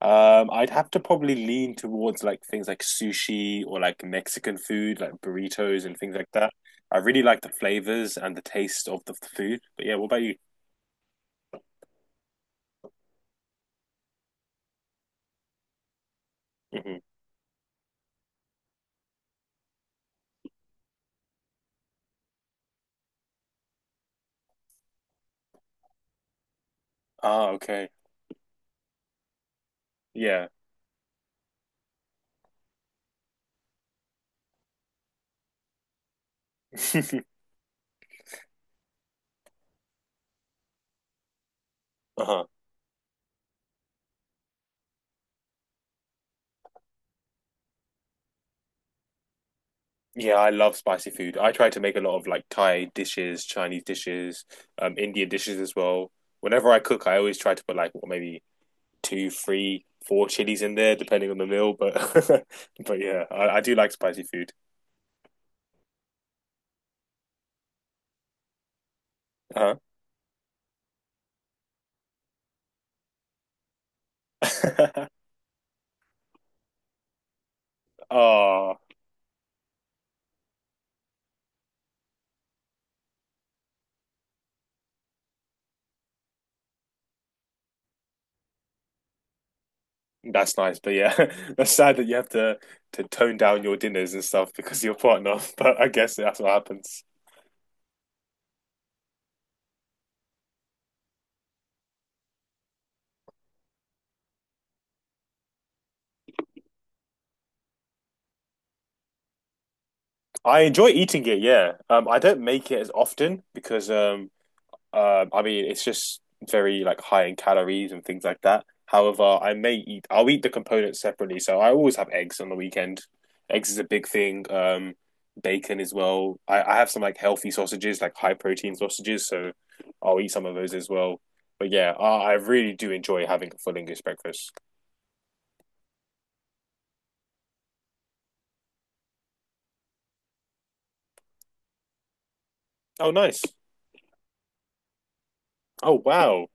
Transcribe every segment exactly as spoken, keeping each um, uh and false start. Um, I'd have to probably lean towards like things like sushi or like Mexican food, like burritos and things like that. I really like the flavors and the taste of the food. But yeah, what about you? Hmm. Ah, okay. Yeah. Uh-huh. Yeah, I love spicy food. I try to make a lot of like Thai dishes, Chinese dishes, um, Indian dishes as well. Whenever I cook, I always try to put like what, maybe two, three, four chilies in there, depending on the meal. But but yeah, I, I do like spicy food. Uh-huh. Oh, that's nice. But yeah, that's sad that you have to to tone down your dinners and stuff because of your partner. But I guess that's what happens. I enjoy eating it, yeah. Um, I don't make it as often because um Um, I mean, it's just very like high in calories and things like that. However, I may eat. I'll eat the components separately. So I always have eggs on the weekend. Eggs is a big thing. Um, bacon as well. I, I have some like healthy sausages, like high protein sausages. So I'll eat some of those as well. But yeah, I, I really do enjoy having a full English breakfast. Oh, nice. Oh, wow.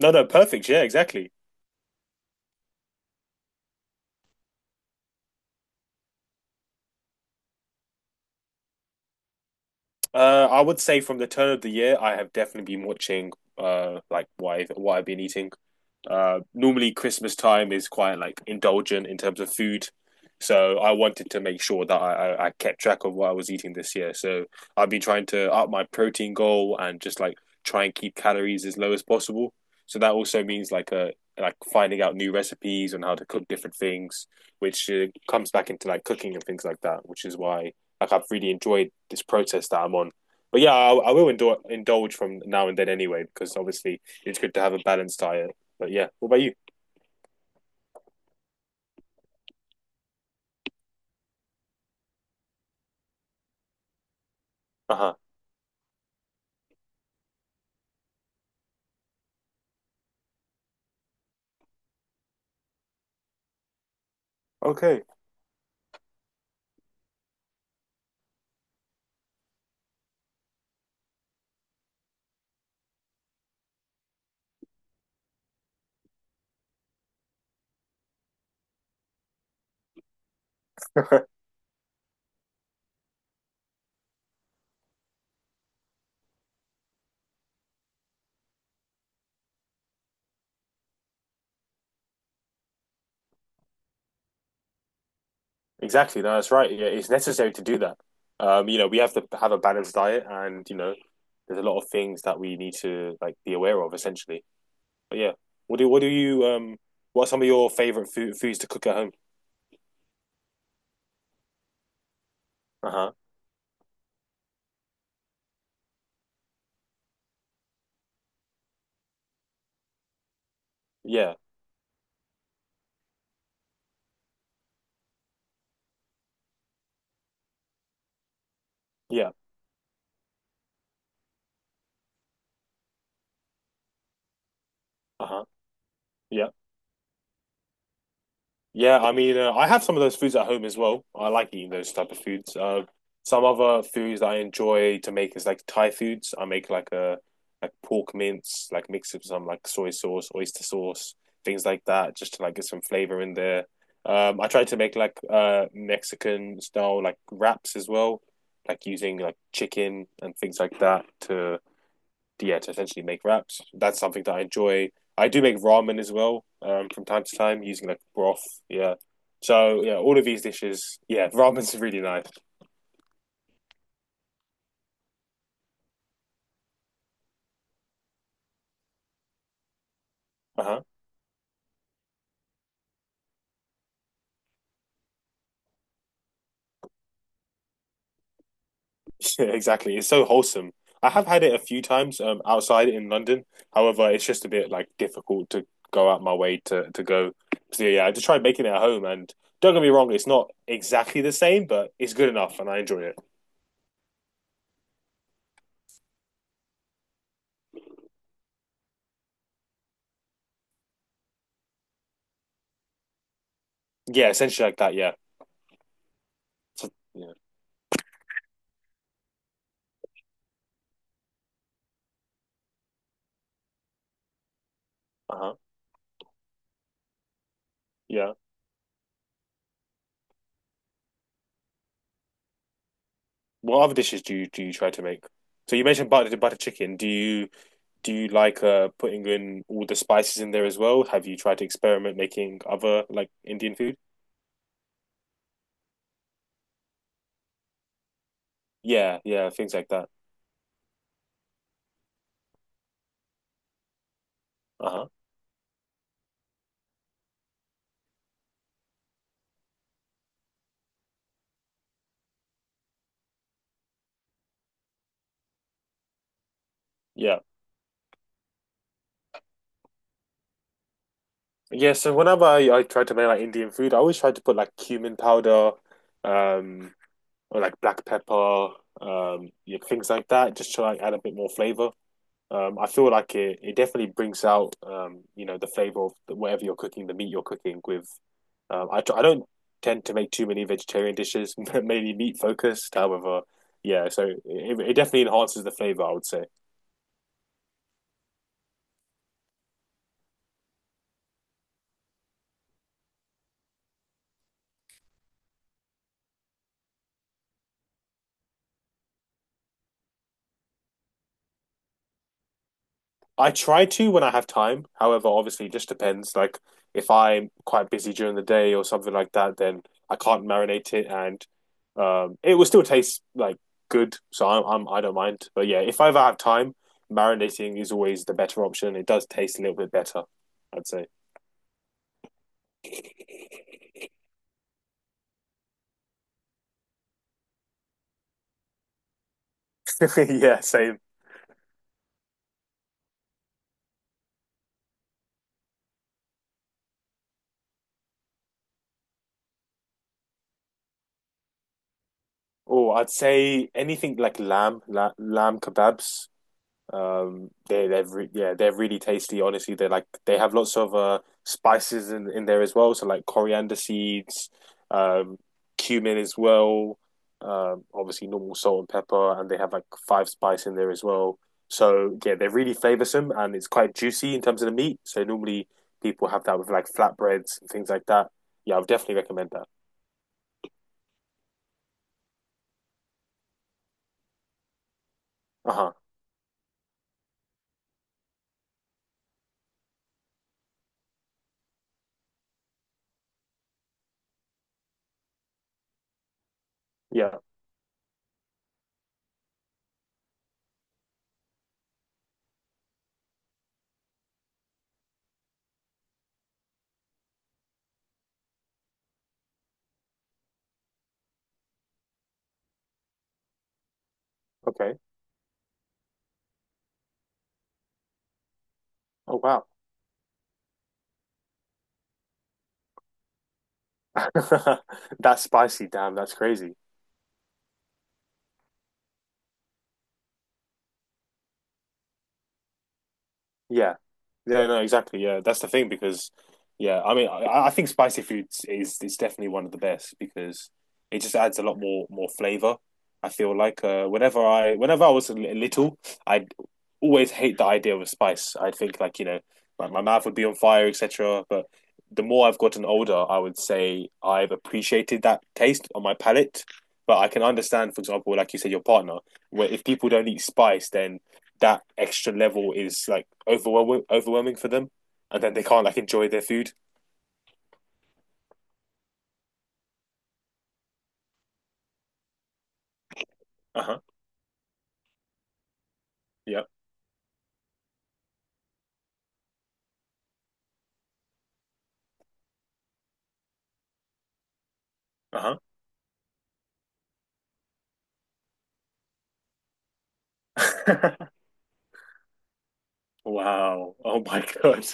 No, no, perfect. Yeah, exactly. Uh, I would say from the turn of the year, I have definitely been watching uh like what I've, what I've been eating. Uh, normally Christmas time is quite like indulgent in terms of food, so I wanted to make sure that I, I, I kept track of what I was eating this year. So I've been trying to up my protein goal and just like try and keep calories as low as possible. So that also means like uh like finding out new recipes and how to cook different things, which uh, comes back into like cooking and things like that, which is why like I've really enjoyed this process that I'm on. But yeah, I, I will indul- indulge from now and then anyway, because obviously it's good to have a balanced diet. But yeah, what about you? Uh huh. Okay. Exactly. No, that's right. Yeah, it's necessary to do that. Um, you know, we have to have a balanced diet, and you know, there's a lot of things that we need to like be aware of, essentially. But yeah, what do what do you um? What are some of your favorite food, foods to cook at home? Uh huh. Yeah. Yeah. Uh huh. Yeah. Yeah, I mean, uh, I have some of those foods at home as well. I like eating those type of foods. Uh, some other foods that I enjoy to make is like Thai foods. I make like a like pork mince, like mix it with some like soy sauce, oyster sauce, things like that, just to like get some flavor in there. Um, I try to make like uh Mexican style like wraps as well, like using like chicken and things like that to yeah, to essentially make wraps. That's something that I enjoy. I do make ramen as well um, from time to time using like broth. Yeah. So yeah, all of these dishes. Yeah, ramen's really nice. Uh-huh. Yeah, exactly. It's so wholesome. I have had it a few times um, outside in London. However, it's just a bit like difficult to go out my way to to go. So yeah, I just try making it at home. And don't get me wrong, it's not exactly the same, but it's good enough, and I enjoy it. Yeah, essentially like that. Yeah, yeah, uh huh, yeah. What other dishes do you do you try to make? So you mentioned butter butter chicken. Do you do you like uh putting in all the spices in there as well? Have you tried to experiment making other like Indian food? Yeah, yeah, things like that. Uh-huh. Yeah. Yeah, so whenever I, I try to make like Indian food, I always try to put like cumin powder, um, or like black pepper, um, yeah, things like that, just to like add a bit more flavor. Um, I feel like it, it definitely brings out um, you know the flavor of whatever you're cooking, the meat you're cooking with. Um, I I don't tend to make too many vegetarian dishes, mainly meat focused. However, yeah, so it, it definitely enhances the flavor, I would say. I try to when I have time. However, obviously, it just depends. Like, if I'm quite busy during the day or something like that, then I can't marinate it, and um, it will still taste like good. So I'm, I'm I don't mind. But yeah, if I ever have time, marinating is always the better option. It does taste a little bit better, I'd say. Yeah, same. Oh, I'd say anything like lamb, la lamb kebabs. Um, they they're re yeah they're really tasty. Honestly, they like they have lots of uh spices in in there as well. So like coriander seeds, um, cumin as well. Um, obviously normal salt and pepper, and they have like five spice in there as well. So yeah, they're really flavoursome and it's quite juicy in terms of the meat. So normally people have that with like flatbreads and things like that. Yeah, I would definitely recommend that. Uh-huh. Yeah. Okay. Oh wow. That's spicy. Damn, that's crazy. Yeah. Yeah, no, exactly. Yeah, that's the thing because, yeah, I mean, I, I think spicy foods is is definitely one of the best because it just adds a lot more more flavor. I feel like uh, whenever I whenever I was a li- little, I'd always hate the idea of spice. I'd think like, you know, like my mouth would be on fire, et cetera. But the more I've gotten older, I would say I've appreciated that taste on my palate. But I can understand, for example, like you said, your partner, where if people don't eat spice, then that extra level is like overwhelming overwhelming for them, and then they can't like enjoy their food. Uh huh. Yeah. Uh huh. Wow. Oh my god.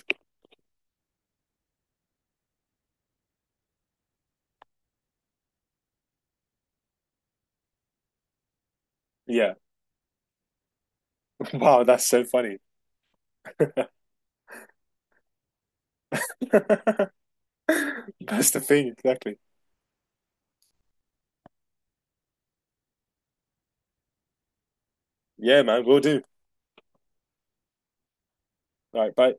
Yeah. Wow, that's so funny. That's the thing, exactly. Yeah, man, we'll do. All right, bye.